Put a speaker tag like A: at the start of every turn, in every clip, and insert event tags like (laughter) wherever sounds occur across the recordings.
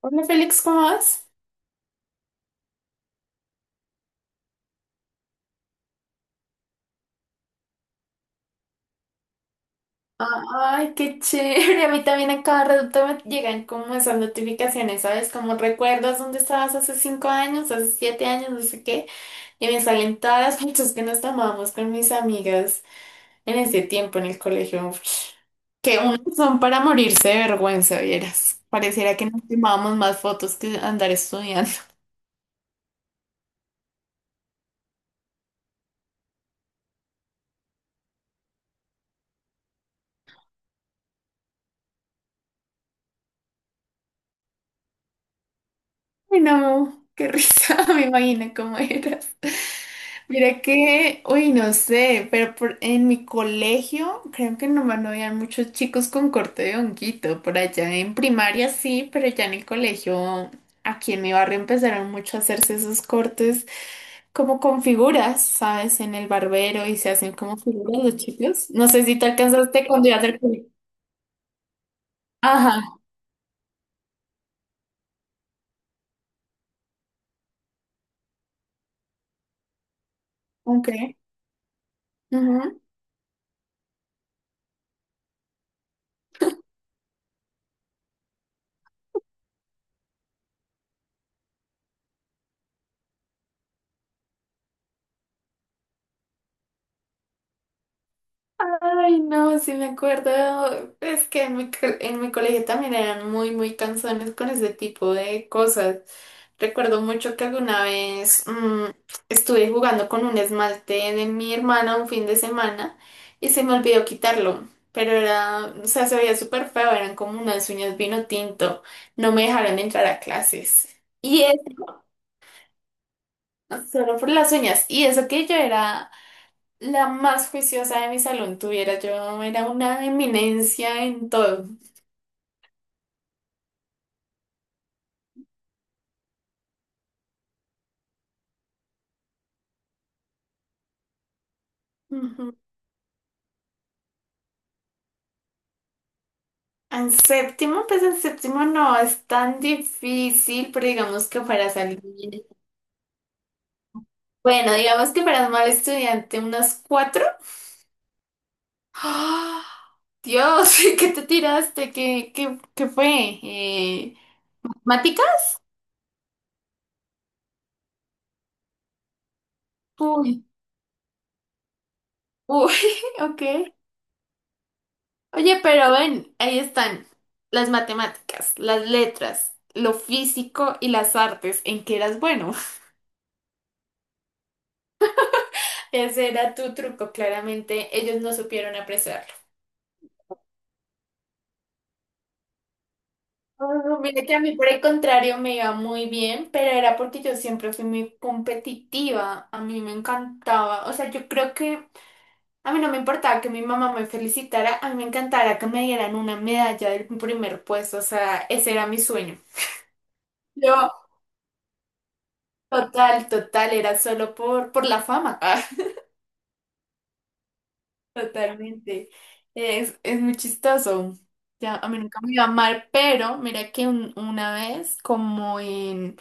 A: Hola Félix, ¿cómo vas? Ay, qué chévere. (laughs) A mí también a cada rato me llegan como esas notificaciones, ¿sabes? Como recuerdas dónde estabas hace 5 años, hace 7 años, no sé qué. Y me salen todas las (laughs) fotos que nos tomábamos con mis amigas en ese tiempo en el colegio. Uf, que unos son para morirse de vergüenza, vieras. Pareciera que nos tomábamos más fotos que andar estudiando. Ay, no, qué risa, (laughs) me imagino cómo eras. Mira que, uy, no sé, pero en mi colegio creo que nomás no habían muchos chicos con corte de honguito. Por allá en primaria sí, pero ya en el colegio, aquí en mi barrio empezaron mucho a hacerse esos cortes como con figuras, ¿sabes? En el barbero y se hacen como figuras los chicos. No sé si te alcanzaste cuando ibas al colegio. Ajá, ok. Ay, no, sí me acuerdo. Es que en en mi colegio también eran muy cansones con ese tipo de cosas. Recuerdo mucho que alguna vez estuve jugando con un esmalte de mi hermana un fin de semana y se me olvidó quitarlo. Pero era, o sea, se veía súper feo, eran como unas uñas vino tinto. No me dejaron entrar a clases. Y eso, solo por las uñas. Y eso que yo era la más juiciosa de mi salón, tuviera yo, era una eminencia en todo. Ujú. En séptimo, pues en séptimo no es tan difícil, pero digamos que para salir. Bueno, digamos que para mal estudiante, unas cuatro. ¡Ah! Dios, (laughs) ¿qué te tiraste? ¿Qué fue? ¿Matemáticas? Uy, uy, (laughs) ok. Oye, pero ven, ahí están las matemáticas, las letras, lo físico y las artes. ¿En qué eras bueno? Ese era tu truco, claramente ellos no supieron apreciarlo. Oh, mira que a mí, por el contrario, me iba muy bien, pero era porque yo siempre fui muy competitiva, a mí me encantaba, o sea, yo creo que a mí no me importaba que mi mamá me felicitara, a mí me encantara que me dieran una medalla del primer puesto, o sea, ese era mi sueño. Yo, total, total, era solo por la fama. (laughs) Totalmente. Es muy chistoso. Ya, a mí nunca me iba mal, pero mira que una vez,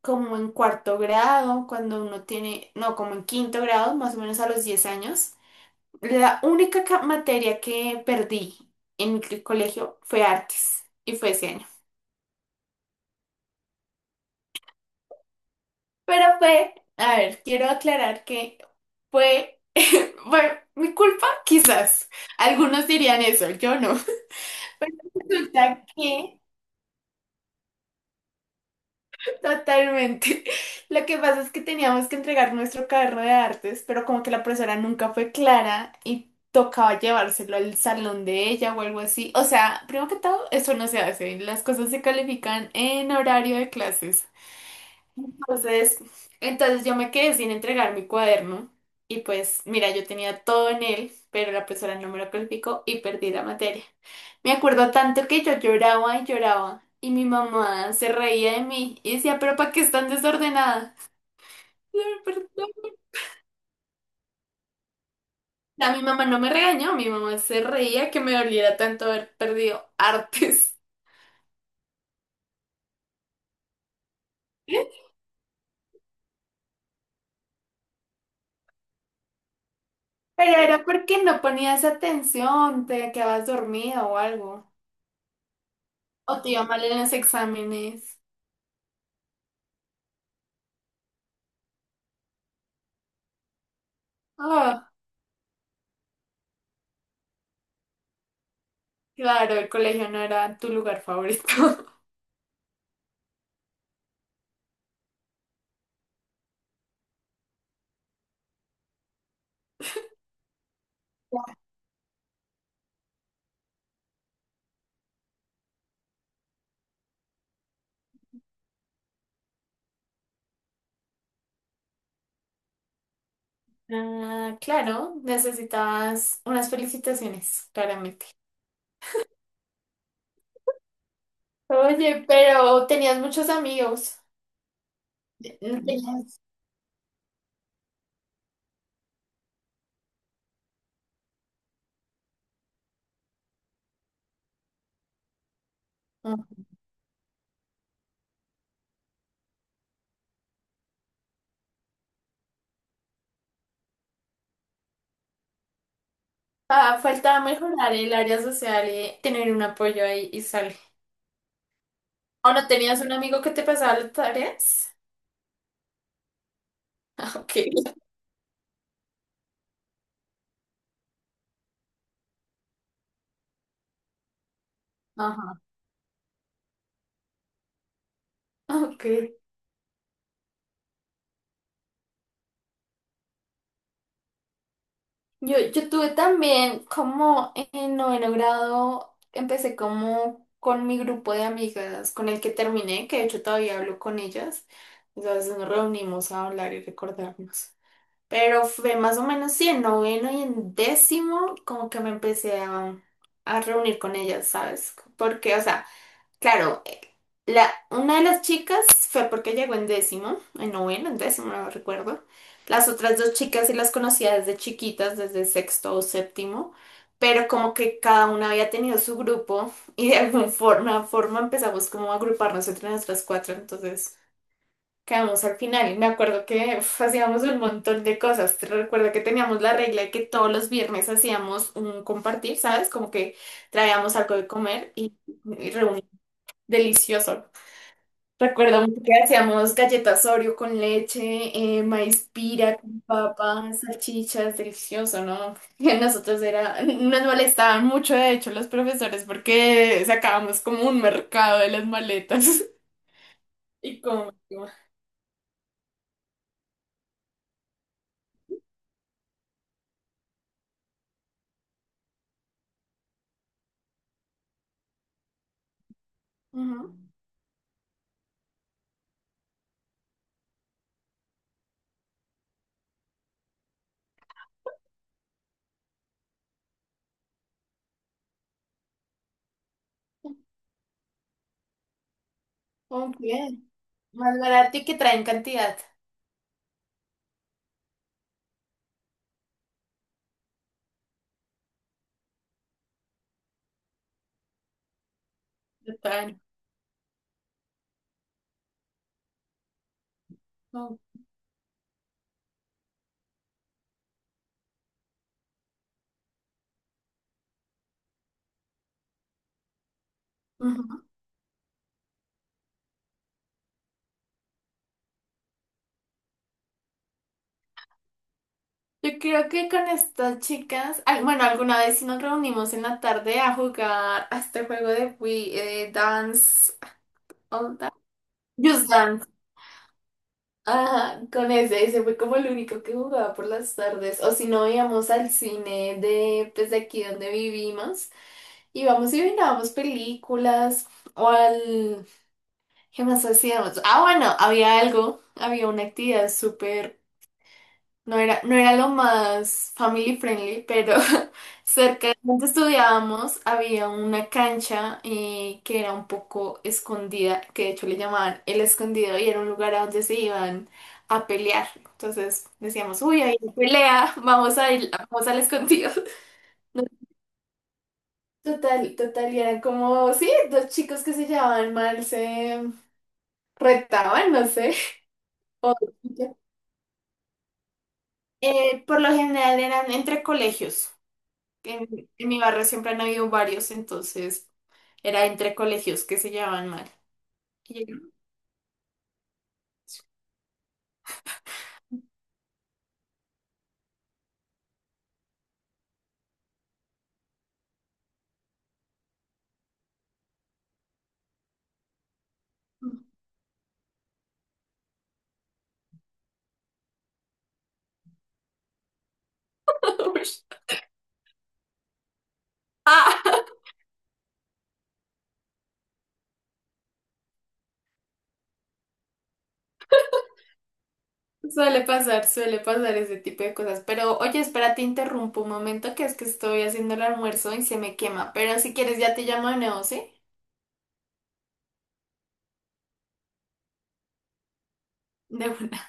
A: como en cuarto grado, cuando uno tiene, no, como en quinto grado, más o menos a los 10 años, la única materia que perdí en el colegio fue artes, y fue ese año. Pero fue, a ver, quiero aclarar que fue, (coughs) (laughs) bueno, mi culpa, quizás. Algunos dirían eso, yo no. (laughs) Pero resulta que totalmente. Lo que pasa es que teníamos que entregar nuestro cuaderno de artes, pero como que la profesora nunca fue clara y tocaba llevárselo al salón de ella o algo así. O sea, primero que todo, eso no se hace. Las cosas se califican en horario de clases. Entonces, entonces, yo me quedé sin entregar mi cuaderno y pues mira, yo tenía todo en él, pero la profesora no me lo calificó y perdí la materia. Me acuerdo tanto que yo lloraba y lloraba y mi mamá se reía de mí y decía, pero ¿para qué es tan desordenada? Yo, "Perdón". A mi mamá no me regañó, mi mamá se reía que me doliera tanto haber perdido artes. (laughs) Pero era porque no ponías atención, te quedabas dormida o algo. O te iba mal en los exámenes. Claro, el colegio no era tu lugar favorito. (laughs) Ah, claro, necesitabas unas felicitaciones, claramente. Oye, pero tenías muchos amigos. No Tenías- mm, ah, faltaba mejorar el área social y tener un apoyo ahí y sale. ¿O no tenías un amigo que te pasaba las tareas? (laughs) Ah, ok. Ajá. Ok. Yo tuve también como en noveno grado, empecé como con mi grupo de amigas con el que terminé, que de hecho todavía hablo con ellas. Entonces nos reunimos a hablar y recordarnos. Pero fue más o menos sí, en noveno y en décimo como que me empecé a reunir con ellas, ¿sabes? Porque, o sea, claro, una de las chicas fue porque llegó en décimo, en noveno, en décimo, no recuerdo. Las otras dos chicas sí las conocía desde chiquitas, desde sexto o séptimo, pero como que cada una había tenido su grupo (laughs) y de alguna forma empezamos como a agruparnos entre nuestras cuatro, entonces quedamos al final. Y me acuerdo que uf, hacíamos un montón de cosas. Te recuerdo que teníamos la regla de que todos los viernes hacíamos un compartir, ¿sabes? Como que traíamos algo de comer y... reunimos delicioso. Recuerdo mucho que hacíamos galletas Oreo con leche, maíz pira con papas, salchichas, delicioso, ¿no? (laughs) Y nosotros era, nos molestaban mucho, de hecho, los profesores porque sacábamos como un mercado de las maletas. (laughs) Y como, ujú. Ok. Más barato y que traen cantidad. Total. Oh. Ujú. Yo creo que con estas chicas, bueno, alguna vez sí nos reunimos en la tarde a jugar a este juego de Wii, On Ta- Just Dance. Ajá, con ese, ese fue como el único que jugaba por las tardes. O si no, íbamos al cine de, pues, de aquí donde vivimos. Íbamos y mirábamos películas o al... ¿Qué más hacíamos? Ah, bueno, había algo, había una actividad súper. No era lo más family friendly, pero (laughs) cerca de donde estudiábamos había una cancha que era un poco escondida, que de hecho le llamaban el escondido y era un lugar a donde se iban a pelear. Entonces decíamos, uy, hay una pelea, vamos a ir, vamos al escondido. (laughs) No, total, total, y eran como, sí, dos chicos que se llevaban mal, se retaban, no sé. (laughs) O- por lo general eran entre colegios. En mi barrio siempre han habido varios, entonces era entre colegios que se llevaban mal. Y yo, (laughs) "Ush". Ah, suele pasar ese tipo de cosas. Pero oye, espera, te interrumpo un momento que es que estoy haciendo el almuerzo y se me quema. Pero si quieres ya te llamo de nuevo, ¿sí? De una.